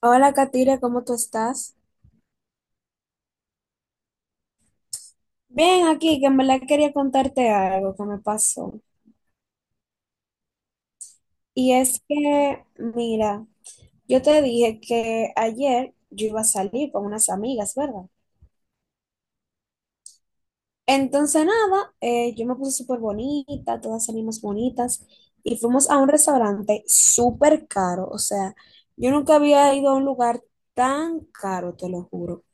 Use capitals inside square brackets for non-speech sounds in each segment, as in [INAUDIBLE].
Hola, Katira, ¿cómo tú estás? Bien, aquí, que en verdad quería contarte algo que me pasó. Y es que, mira, yo te dije que ayer yo iba a salir con unas amigas, ¿verdad? Entonces, nada, yo me puse súper bonita, todas salimos bonitas y fuimos a un restaurante súper caro. O sea, yo nunca había ido a un lugar tan caro, te lo juro.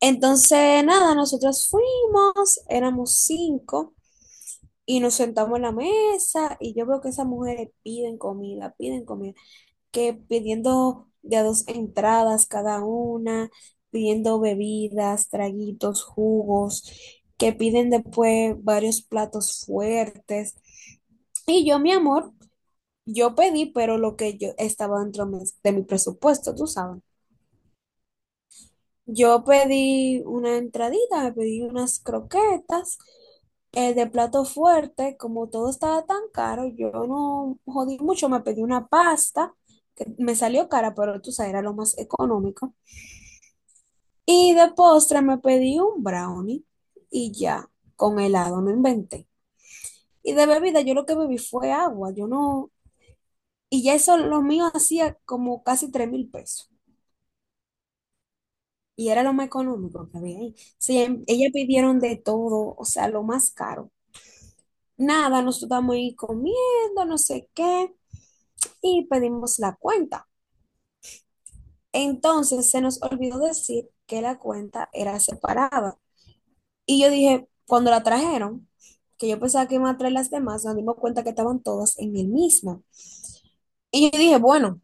Entonces, nada, nosotros fuimos, éramos cinco. Y nos sentamos en la mesa y yo veo que esas mujeres piden comida, que pidiendo de a dos entradas cada una, pidiendo bebidas, traguitos, jugos, que piden después varios platos fuertes. Y yo, mi amor, yo pedí, pero lo que yo estaba dentro de mi presupuesto, tú sabes. Yo pedí una entradita, me pedí unas croquetas, de plato fuerte, como todo estaba tan caro, yo no jodí mucho, me pedí una pasta, que me salió cara, pero tú sabes, era lo más económico. Y de postre me pedí un brownie y ya, con helado, no inventé. Y de bebida yo lo que bebí fue agua, yo no, y ya eso lo mío hacía como casi tres mil pesos. Y era lo más económico que había ahí. Sí, ellas pidieron de todo, o sea, lo más caro. Nada, nosotros estábamos ahí comiendo, no sé qué, y pedimos la cuenta. Entonces se nos olvidó decir que la cuenta era separada. Y yo dije, cuando la trajeron, que yo pensaba que iban a traer las demás, nos dimos cuenta que estaban todas en el mismo. Y yo dije, bueno,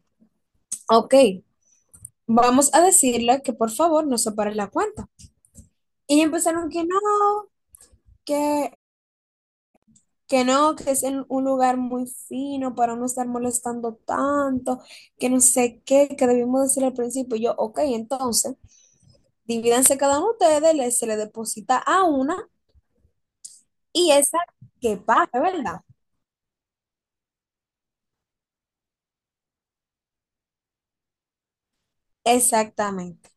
ok, vamos a decirle que por favor nos separe la cuenta. Y empezaron que no, que que no, que es en un lugar muy fino para no estar molestando tanto, que no sé qué, que debimos decir al principio. Y yo, ok, entonces, divídanse cada uno de ustedes, le- se le deposita a una y esa que pague, ¿verdad? Exactamente.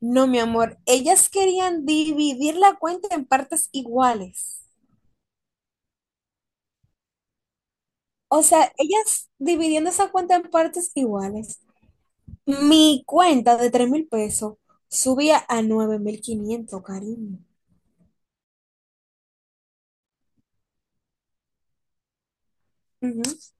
No, mi amor, ellas querían dividir la cuenta en partes iguales. O sea, ellas dividiendo esa cuenta en partes iguales. Mi cuenta de 3 mil pesos subía a nueve mil quinientos, cariño. Ujú.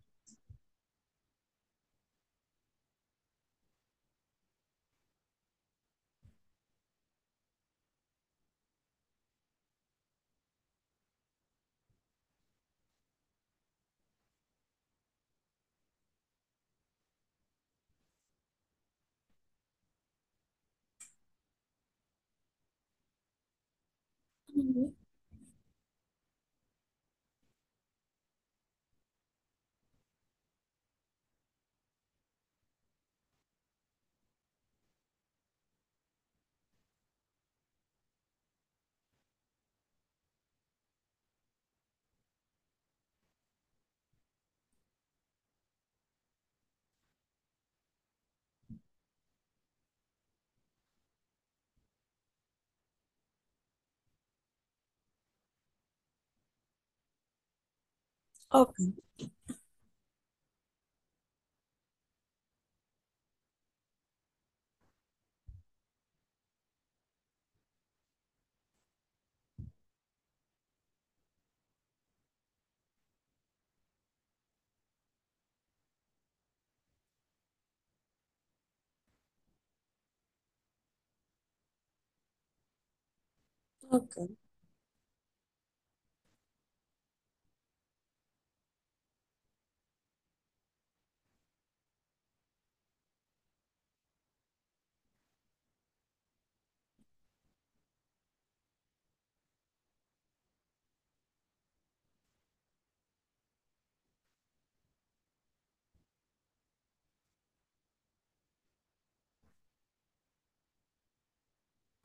Ujú, ok, ok,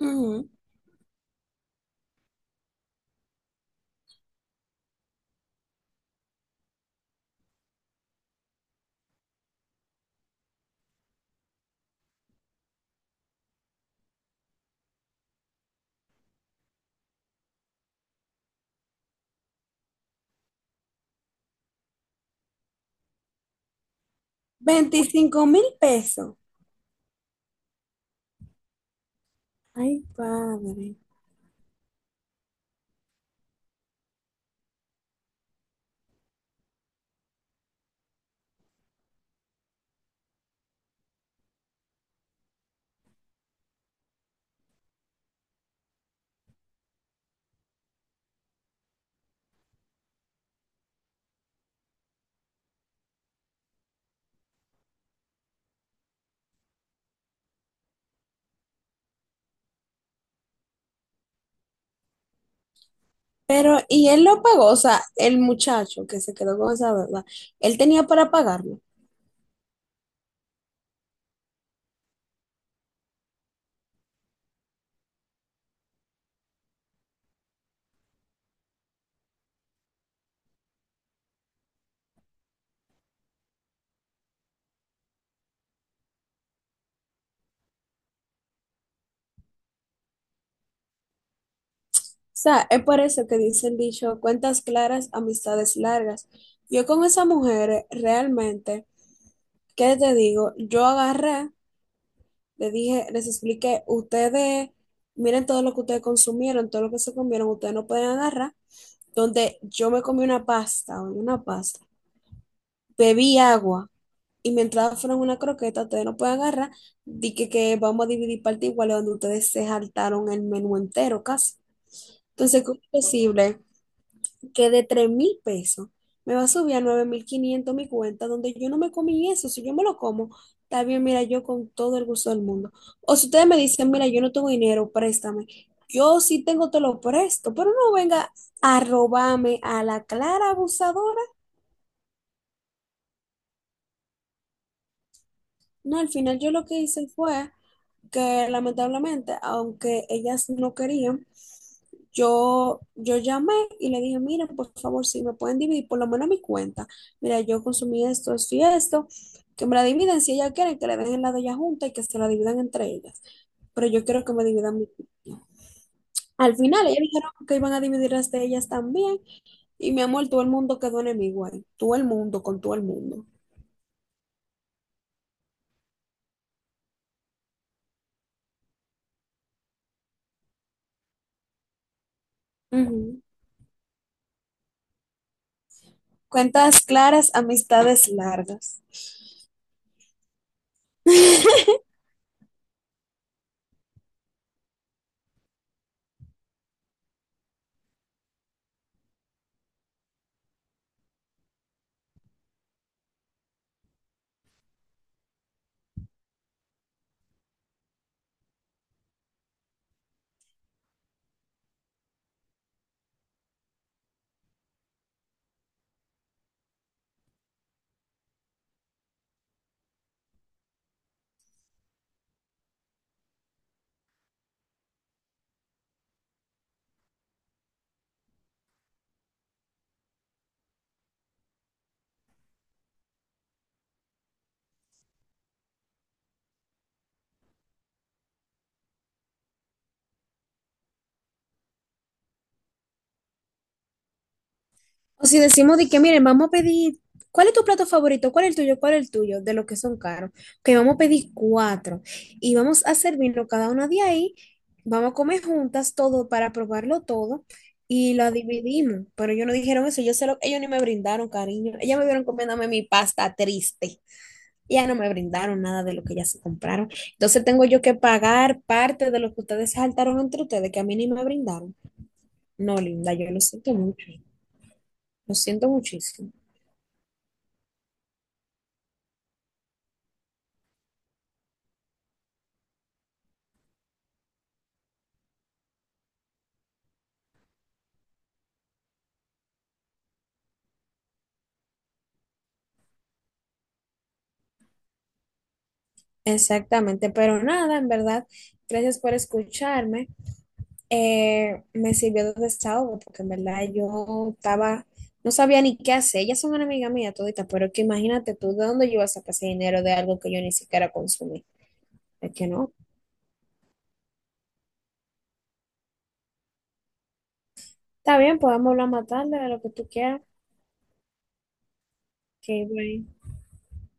ujú. 25 mil pesos. Ay, padre. Pero, ¿y él lo pagó? O sea, el muchacho que se quedó con esa deuda, él tenía para pagarlo. O sea, es por eso que dice el dicho, cuentas claras, amistades largas. Yo con esa mujer, realmente, ¿qué te digo? Yo agarré, le dije, les expliqué, ustedes, miren todo lo que ustedes consumieron, todo lo que se comieron, ustedes no pueden agarrar. Donde yo me comí una pasta, bebí agua y mi entrada fueron una croqueta, ustedes no pueden agarrar, di que vamos a dividir parte igual donde ustedes se saltaron el menú entero casi. Entonces, ¿cómo es posible que de 3 mil pesos me va a subir a 9.500 mi cuenta donde yo no me comí eso? Si yo me lo como, está bien, mira, yo con todo el gusto del mundo. O si ustedes me dicen, mira, yo no tengo dinero, préstame. Yo sí tengo, te lo presto, pero no venga a robarme a la clara abusadora. No, al final yo lo que hice fue que lamentablemente, aunque ellas no querían, yo llamé y le dije, mira, por favor, si me pueden dividir por lo menos mi cuenta. Mira, yo consumí esto, esto y esto, que me la dividen si ellas quieren, que le den la de ella junta y que se la dividan entre ellas. Pero yo quiero que me dividan mi cuenta. Al final, ellas dijeron que iban a dividir las de ellas también. Y mi amor, todo el mundo quedó enemigo ahí. Todo el mundo con todo el mundo. Ujú. Cuentas claras, amistades largas. [LAUGHS] O si decimos de que, miren, vamos a pedir, ¿cuál es tu plato favorito? ¿Cuál es el tuyo? ¿Cuál es el tuyo? De los que son caros. Que vamos a pedir cuatro y vamos a servirlo cada una de ahí. Vamos a comer juntas todo para probarlo todo y la dividimos. Pero ellos no dijeron eso, yo se lo, ellos ni me brindaron, cariño. Ellas me vieron comiéndome mi pasta triste. Ya no me brindaron nada de lo que ya se compraron. Entonces tengo yo que pagar parte de lo que ustedes se saltaron entre ustedes, que a mí ni me brindaron. No, linda, yo lo siento mucho. Lo siento muchísimo. Exactamente, pero nada, en verdad, gracias por escucharme. Me sirvió de desahogo porque en verdad yo estaba, no sabía ni qué hacer. Ellas son una amiga mía todita, pero que imagínate tú de dónde yo iba a sacar ese dinero de algo que yo ni siquiera consumí. Es que no. Está bien, podemos hablar más tarde de lo que tú quieras. Que bueno.